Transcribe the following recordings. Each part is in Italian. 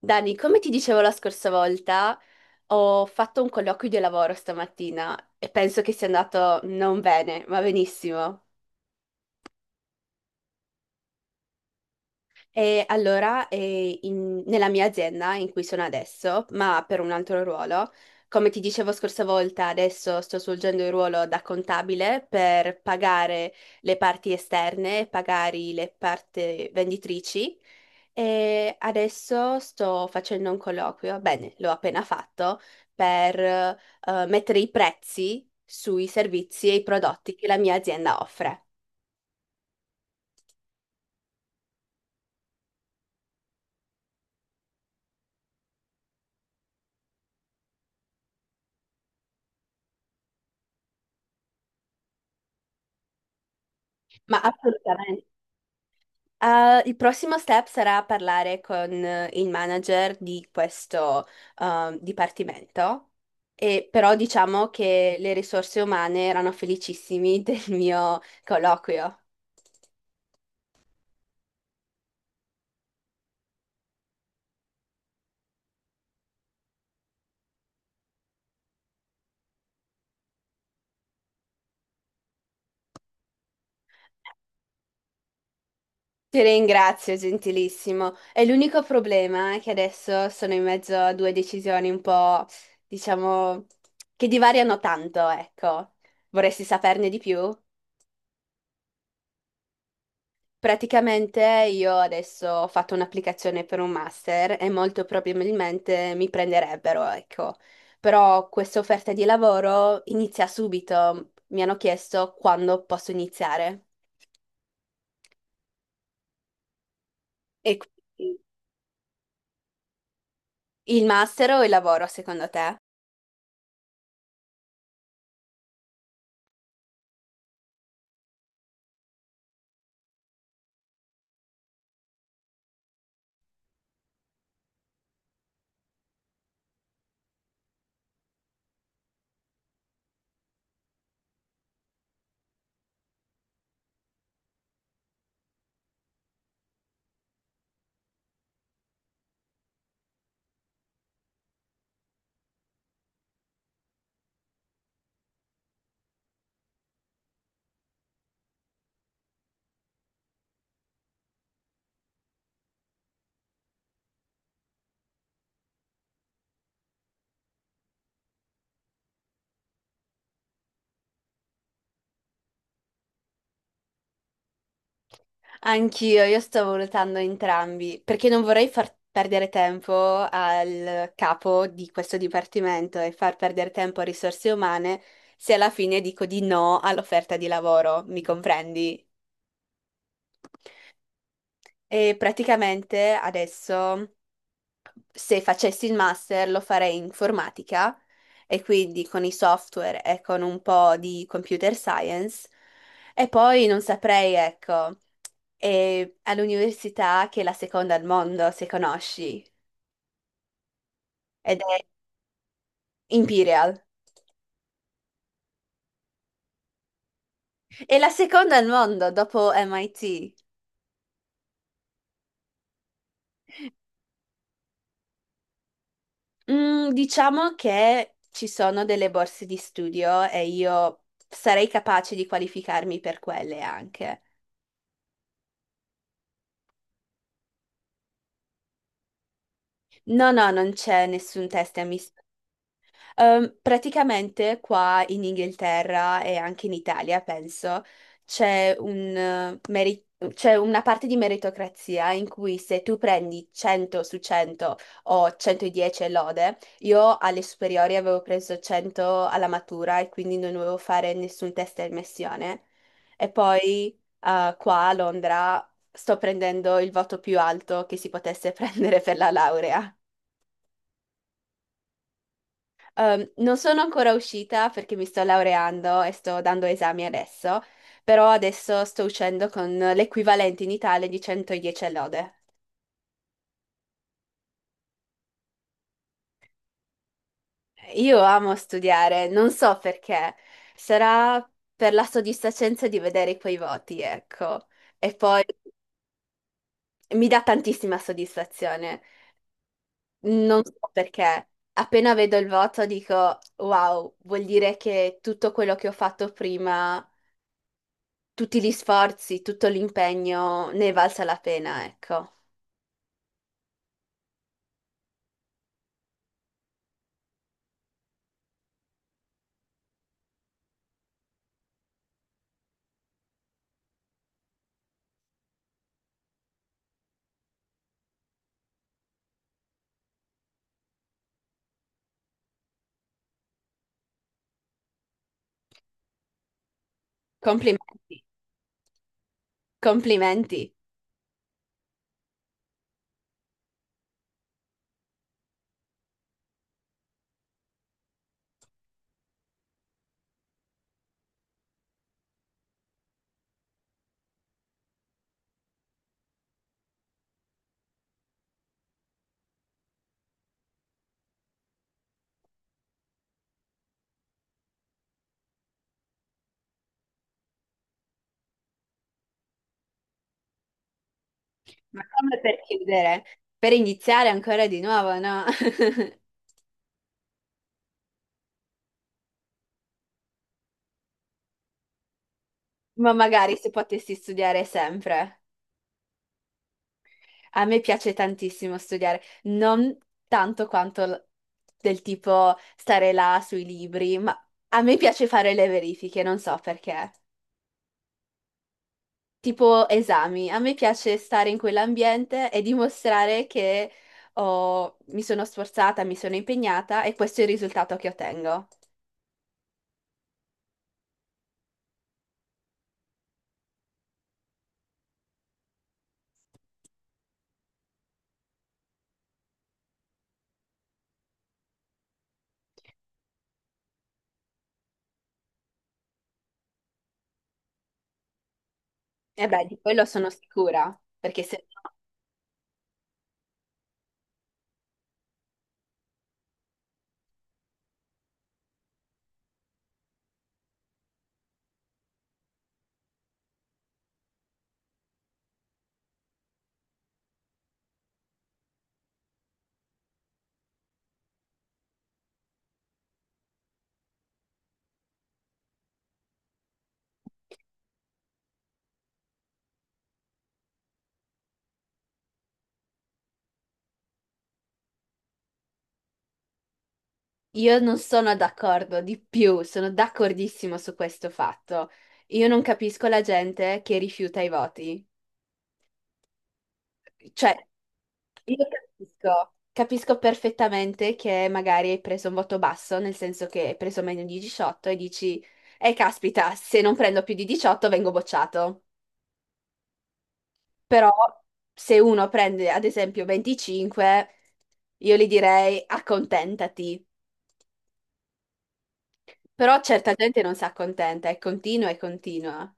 Dani, come ti dicevo la scorsa volta, ho fatto un colloquio di lavoro stamattina e penso che sia andato non bene, ma benissimo. E allora, nella mia azienda in cui sono adesso, ma per un altro ruolo, come ti dicevo scorsa volta, adesso sto svolgendo il ruolo da contabile per pagare le parti esterne, pagare le parti venditrici. E adesso sto facendo un colloquio, bene, l'ho appena fatto, per mettere i prezzi sui servizi e i prodotti che la mia azienda offre. Ma assolutamente. Il prossimo step sarà parlare con il manager di questo dipartimento, e però diciamo che le risorse umane erano felicissimi del mio colloquio. Ti ringrazio, gentilissimo. È l'unico problema che adesso sono in mezzo a due decisioni un po', diciamo, che divariano tanto, ecco. Vorresti saperne di più? Praticamente io adesso ho fatto un'applicazione per un master e molto probabilmente mi prenderebbero, ecco. Però questa offerta di lavoro inizia subito. Mi hanno chiesto quando posso iniziare. E quindi il master o il lavoro, secondo te? Anch'io, io stavo valutando entrambi, perché non vorrei far perdere tempo al capo di questo dipartimento e far perdere tempo a risorse umane se alla fine dico di no all'offerta di lavoro, mi comprendi? E praticamente adesso, se facessi il master lo farei in informatica e quindi con i software e con un po' di computer science e poi non saprei, ecco, è all'università che è la seconda al mondo, se conosci, ed è Imperial. È la seconda al mondo dopo MIT. Mm, diciamo che ci sono delle borse di studio e io sarei capace di qualificarmi per quelle anche. No, no, non c'è nessun test ammissione. Praticamente qua in Inghilterra e anche in Italia, penso, c'è un, eh, meri- c'è una parte di meritocrazia in cui se tu prendi 100 su 100 o 110 e lode, io alle superiori avevo preso 100 alla matura e quindi non dovevo fare nessun test di ammissione. E poi qua a Londra sto prendendo il voto più alto che si potesse prendere per la laurea. Non sono ancora uscita perché mi sto laureando e sto dando esami adesso, però adesso sto uscendo con l'equivalente in Italia di 110 lode. Io amo studiare, non so perché, sarà per la soddisfacenza di vedere quei voti, ecco. E poi mi dà tantissima soddisfazione, non so perché. Appena vedo il voto dico, wow, vuol dire che tutto quello che ho fatto prima tutti gli sforzi, tutto l'impegno ne è valsa la pena, ecco. Complimenti, complimenti. Ma come per chiudere? Per iniziare ancora di nuovo, no? Ma magari se potessi studiare sempre. A me piace tantissimo studiare, non tanto quanto del tipo stare là sui libri, ma a me piace fare le verifiche, non so perché. Tipo esami. A me piace stare in quell'ambiente e dimostrare che mi sono sforzata, mi sono impegnata e questo è il risultato che ottengo. E beh, di quello sono sicura, perché se no, io non sono d'accordo di più, sono d'accordissimo su questo fatto. Io non capisco la gente che rifiuta i voti. Cioè, io capisco, capisco perfettamente che magari hai preso un voto basso, nel senso che hai preso meno di 18 e dici, caspita, se non prendo più di 18 vengo bocciato. Però se uno prende ad esempio 25, io gli direi accontentati. Però certa gente non si accontenta e continua e continua.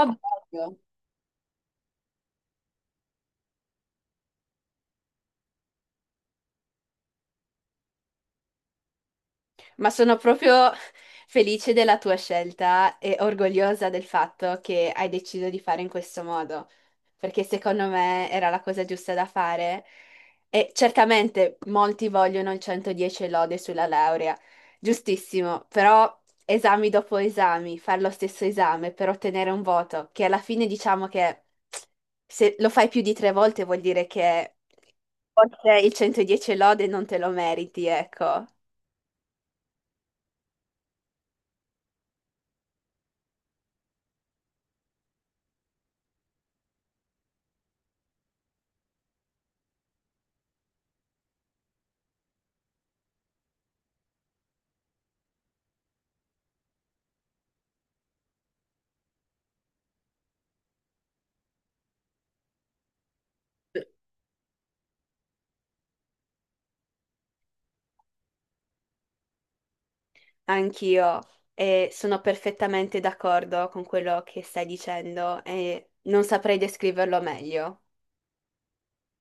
Ovvio. Ma sono proprio felice della tua scelta e orgogliosa del fatto che hai deciso di fare in questo modo, perché secondo me era la cosa giusta da fare. E certamente molti vogliono il 110 e lode sulla laurea, giustissimo, però esami dopo esami, fare lo stesso esame per ottenere un voto, che alla fine diciamo che se lo fai più di 3 volte vuol dire che forse il 110 e lode non te lo meriti, ecco. Anch'io e sono perfettamente d'accordo con quello che stai dicendo e non saprei descriverlo meglio.